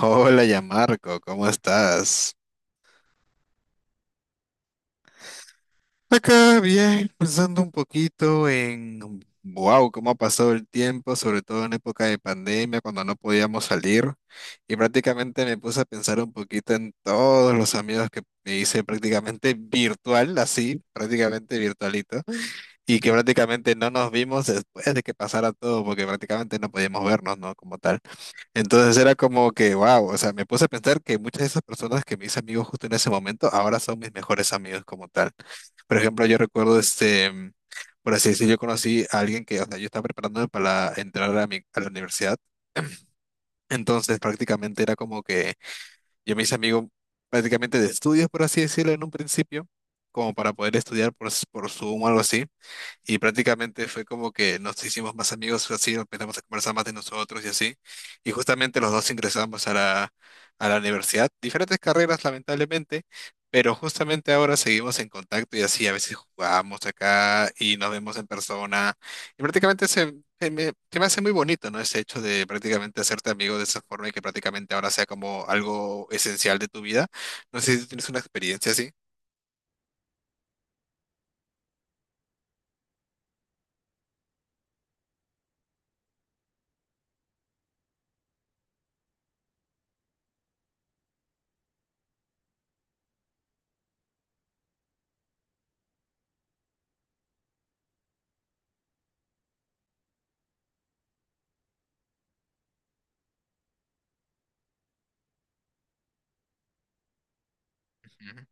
Hola, ya Marco, ¿cómo estás? Acá bien, pensando un poquito en, wow, cómo ha pasado el tiempo, sobre todo en época de pandemia, cuando no podíamos salir. Y prácticamente me puse a pensar un poquito en todos los amigos que me hice prácticamente virtual, así, prácticamente virtualito, y que prácticamente no nos vimos después de que pasara todo, porque prácticamente no podíamos vernos, ¿no? Como tal. Entonces era como que, wow, o sea, me puse a pensar que muchas de esas personas que me hice amigos justo en ese momento, ahora son mis mejores amigos como tal. Por ejemplo, yo recuerdo, este, por así decirlo, yo conocí a alguien que, o sea, yo estaba preparándome para entrar a, a la universidad. Entonces prácticamente era como que yo me hice amigo prácticamente de estudios, por así decirlo, en un principio, como para poder estudiar por, por Zoom o algo así. Y prácticamente fue como que nos hicimos más amigos, así empezamos a conversar más de nosotros y así. Y justamente los dos ingresamos a la universidad, diferentes carreras lamentablemente, pero justamente ahora seguimos en contacto y así a veces jugamos acá y nos vemos en persona. Y prácticamente se, se me hace muy bonito, ¿no? Ese hecho de prácticamente hacerte amigo de esa forma y que prácticamente ahora sea como algo esencial de tu vida. No sé si tú tienes una experiencia así. Ujú,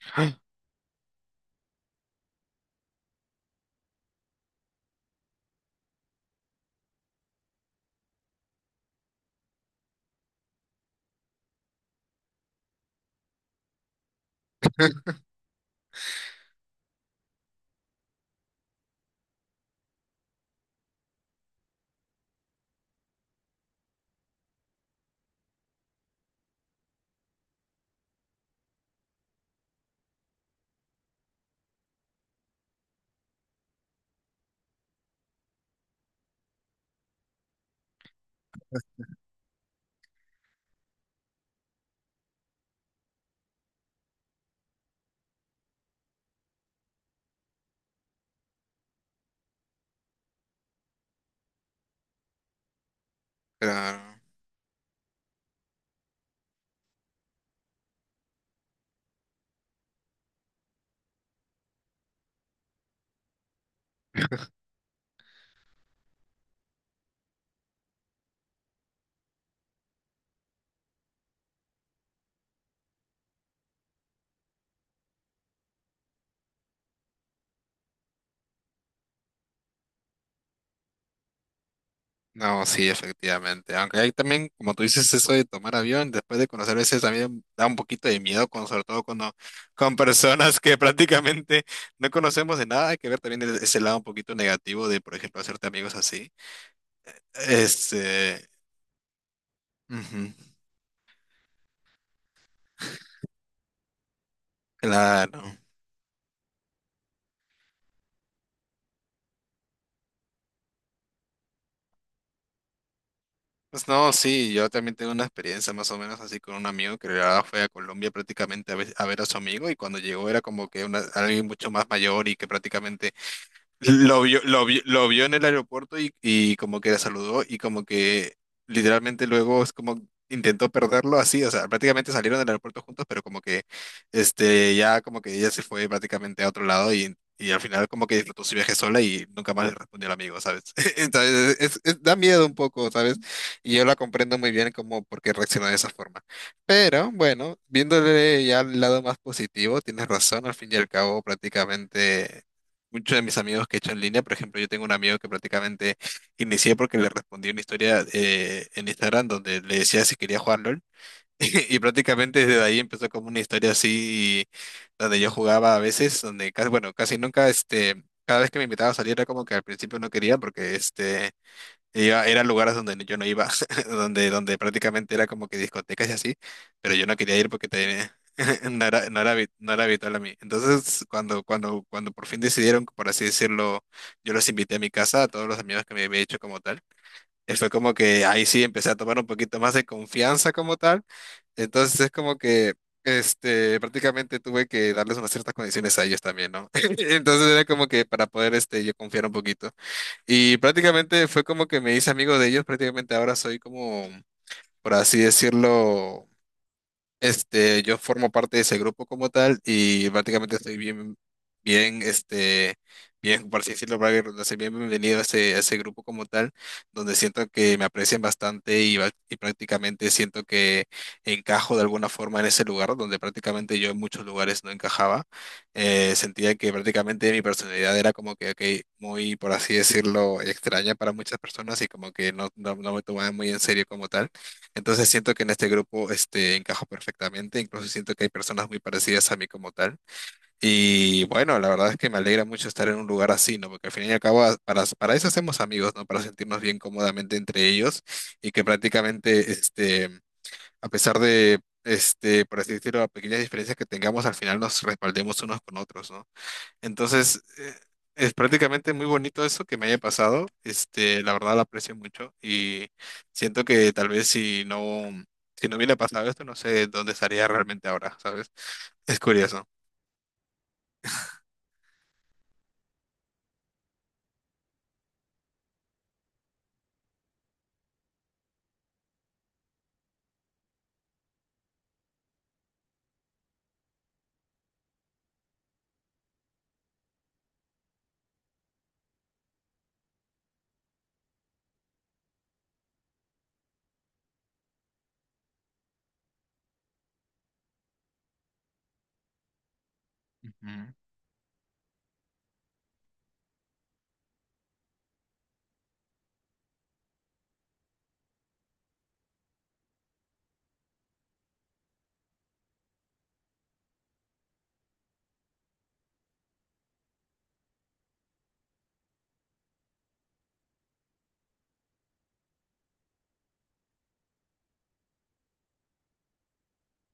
ujú. Claro. No, sí, efectivamente. Aunque hay también, como tú dices, eso de tomar avión, después de conocer a veces también da un poquito de miedo, con, sobre todo cuando, con personas que prácticamente no conocemos de nada. Hay que ver también ese lado un poquito negativo de, por ejemplo, hacerte amigos así. Este, ujú, claro. Pues no, sí, yo también tengo una experiencia más o menos así con un amigo que la verdad fue a Colombia prácticamente a ver, a ver a su amigo y cuando llegó era como que una, alguien mucho más mayor y que prácticamente lo vio, lo vio, lo vio en el aeropuerto y como que la saludó y como que literalmente luego es como intentó perderlo así, o sea, prácticamente salieron del aeropuerto juntos, pero como que este ya como que ella se fue prácticamente a otro lado y al final como que disfrutó su viaje sola y nunca más le respondió al amigo, ¿sabes? Entonces da miedo un poco, ¿sabes? Y yo la comprendo muy bien como por qué reaccionó de esa forma. Pero bueno, viéndole ya el lado más positivo, tienes razón, al fin y al cabo prácticamente... Muchos de mis amigos que he hecho en línea, por ejemplo, yo tengo un amigo que prácticamente inicié porque le respondí una historia en Instagram donde le decía si quería jugar LOL. Y prácticamente desde ahí empezó como una historia así donde yo jugaba a veces, donde casi, bueno, casi nunca, este, cada vez que me invitaba a salir era como que al principio no quería porque este iba, eran lugares donde yo no iba, donde, donde prácticamente era como que discotecas y así, pero yo no quería ir porque no era, no era, no era habitual a mí. Entonces, cuando por fin decidieron, por así decirlo, yo los invité a mi casa, a todos los amigos que me había hecho como tal, y fue como que ahí sí empecé a tomar un poquito más de confianza como tal. Entonces es como que... Este, prácticamente tuve que darles unas ciertas condiciones a ellos también, ¿no? Entonces era como que para poder, este, yo confiar un poquito. Y prácticamente fue como que me hice amigo de ellos, prácticamente ahora soy como, por así decirlo, este, yo formo parte de ese grupo como tal y prácticamente estoy bien, bien, este, bien, por así decirlo, para que redundancia, bien bienvenido a ese grupo como tal, donde siento que me aprecian bastante y, y prácticamente siento que encajo de alguna forma en ese lugar, donde prácticamente yo en muchos lugares no encajaba. Sentía que prácticamente mi personalidad era como que, ok, muy, por así decirlo, extraña para muchas personas y como que no, no, no me tomaban muy en serio como tal. Entonces siento que en este grupo este, encajo perfectamente, incluso siento que hay personas muy parecidas a mí como tal. Y bueno, la verdad es que me alegra mucho estar en un lugar así, ¿no? Porque al fin y al cabo, para eso hacemos amigos, ¿no? Para sentirnos bien cómodamente entre ellos y que prácticamente, este, a pesar de, este, por así decirlo, pequeñas diferencias que tengamos, al final nos respaldemos unos con otros, ¿no? Entonces, es prácticamente muy bonito eso que me haya pasado. Este, la verdad la aprecio mucho y siento que tal vez si no, si no hubiera pasado esto, no sé dónde estaría realmente ahora, ¿sabes? Es curioso.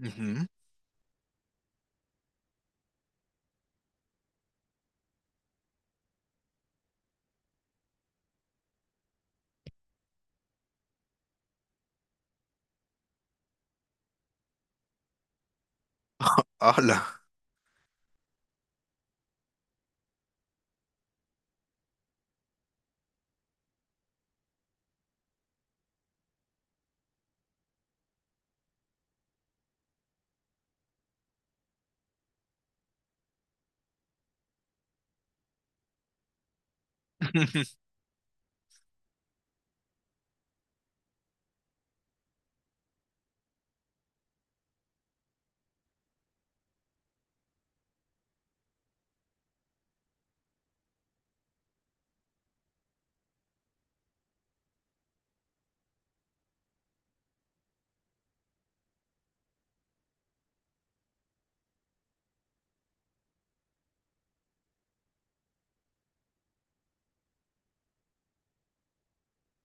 Ujú. Hola.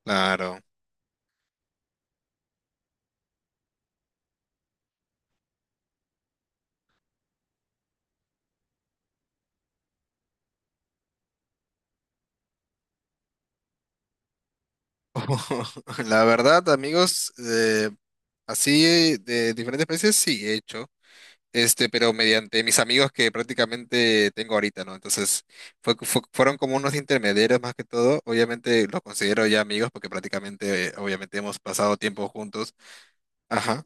Claro. La verdad, amigos, así de diferentes países sí he hecho. Este, pero mediante mis amigos que prácticamente tengo ahorita, ¿no? Entonces, fueron como unos intermediarios más que todo. Obviamente los considero ya amigos porque prácticamente, obviamente hemos pasado tiempo juntos. Ajá.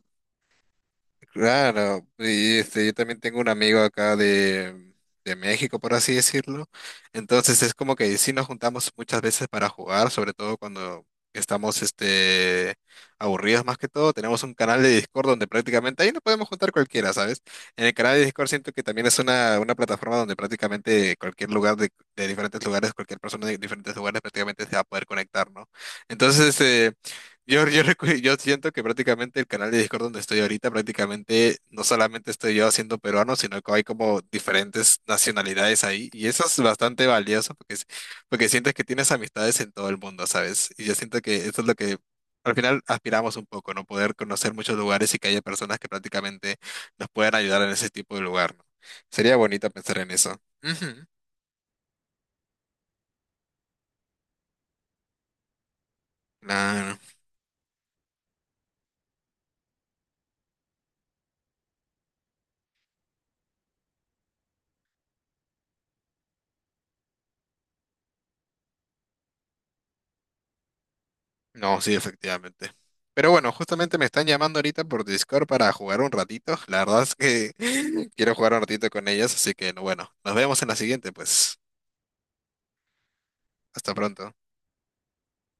Claro, y este, yo también tengo un amigo acá de México, por así decirlo. Entonces es como que sí nos juntamos muchas veces para jugar, sobre todo cuando estamos este, aburridos más que todo. Tenemos un canal de Discord donde prácticamente ahí nos podemos juntar cualquiera, ¿sabes? En el canal de Discord siento que también es una plataforma donde prácticamente cualquier lugar de diferentes lugares, cualquier persona de diferentes lugares prácticamente se va a poder conectar, ¿no? Entonces, este... Yo siento que prácticamente el canal de Discord donde estoy ahorita, prácticamente no solamente estoy yo haciendo peruano, sino que hay como diferentes nacionalidades ahí. Y eso es bastante valioso porque, porque sientes que tienes amistades en todo el mundo, ¿sabes? Y yo siento que eso es lo que al final aspiramos un poco, ¿no? Poder conocer muchos lugares y que haya personas que prácticamente nos puedan ayudar en ese tipo de lugar, ¿no? Sería bonito pensar en eso. Ujú. Claro. No, sí, efectivamente. Pero bueno, justamente me están llamando ahorita por Discord para jugar un ratito. La verdad es que quiero jugar un ratito con ellas, así que no, bueno, nos vemos en la siguiente, pues. Hasta pronto.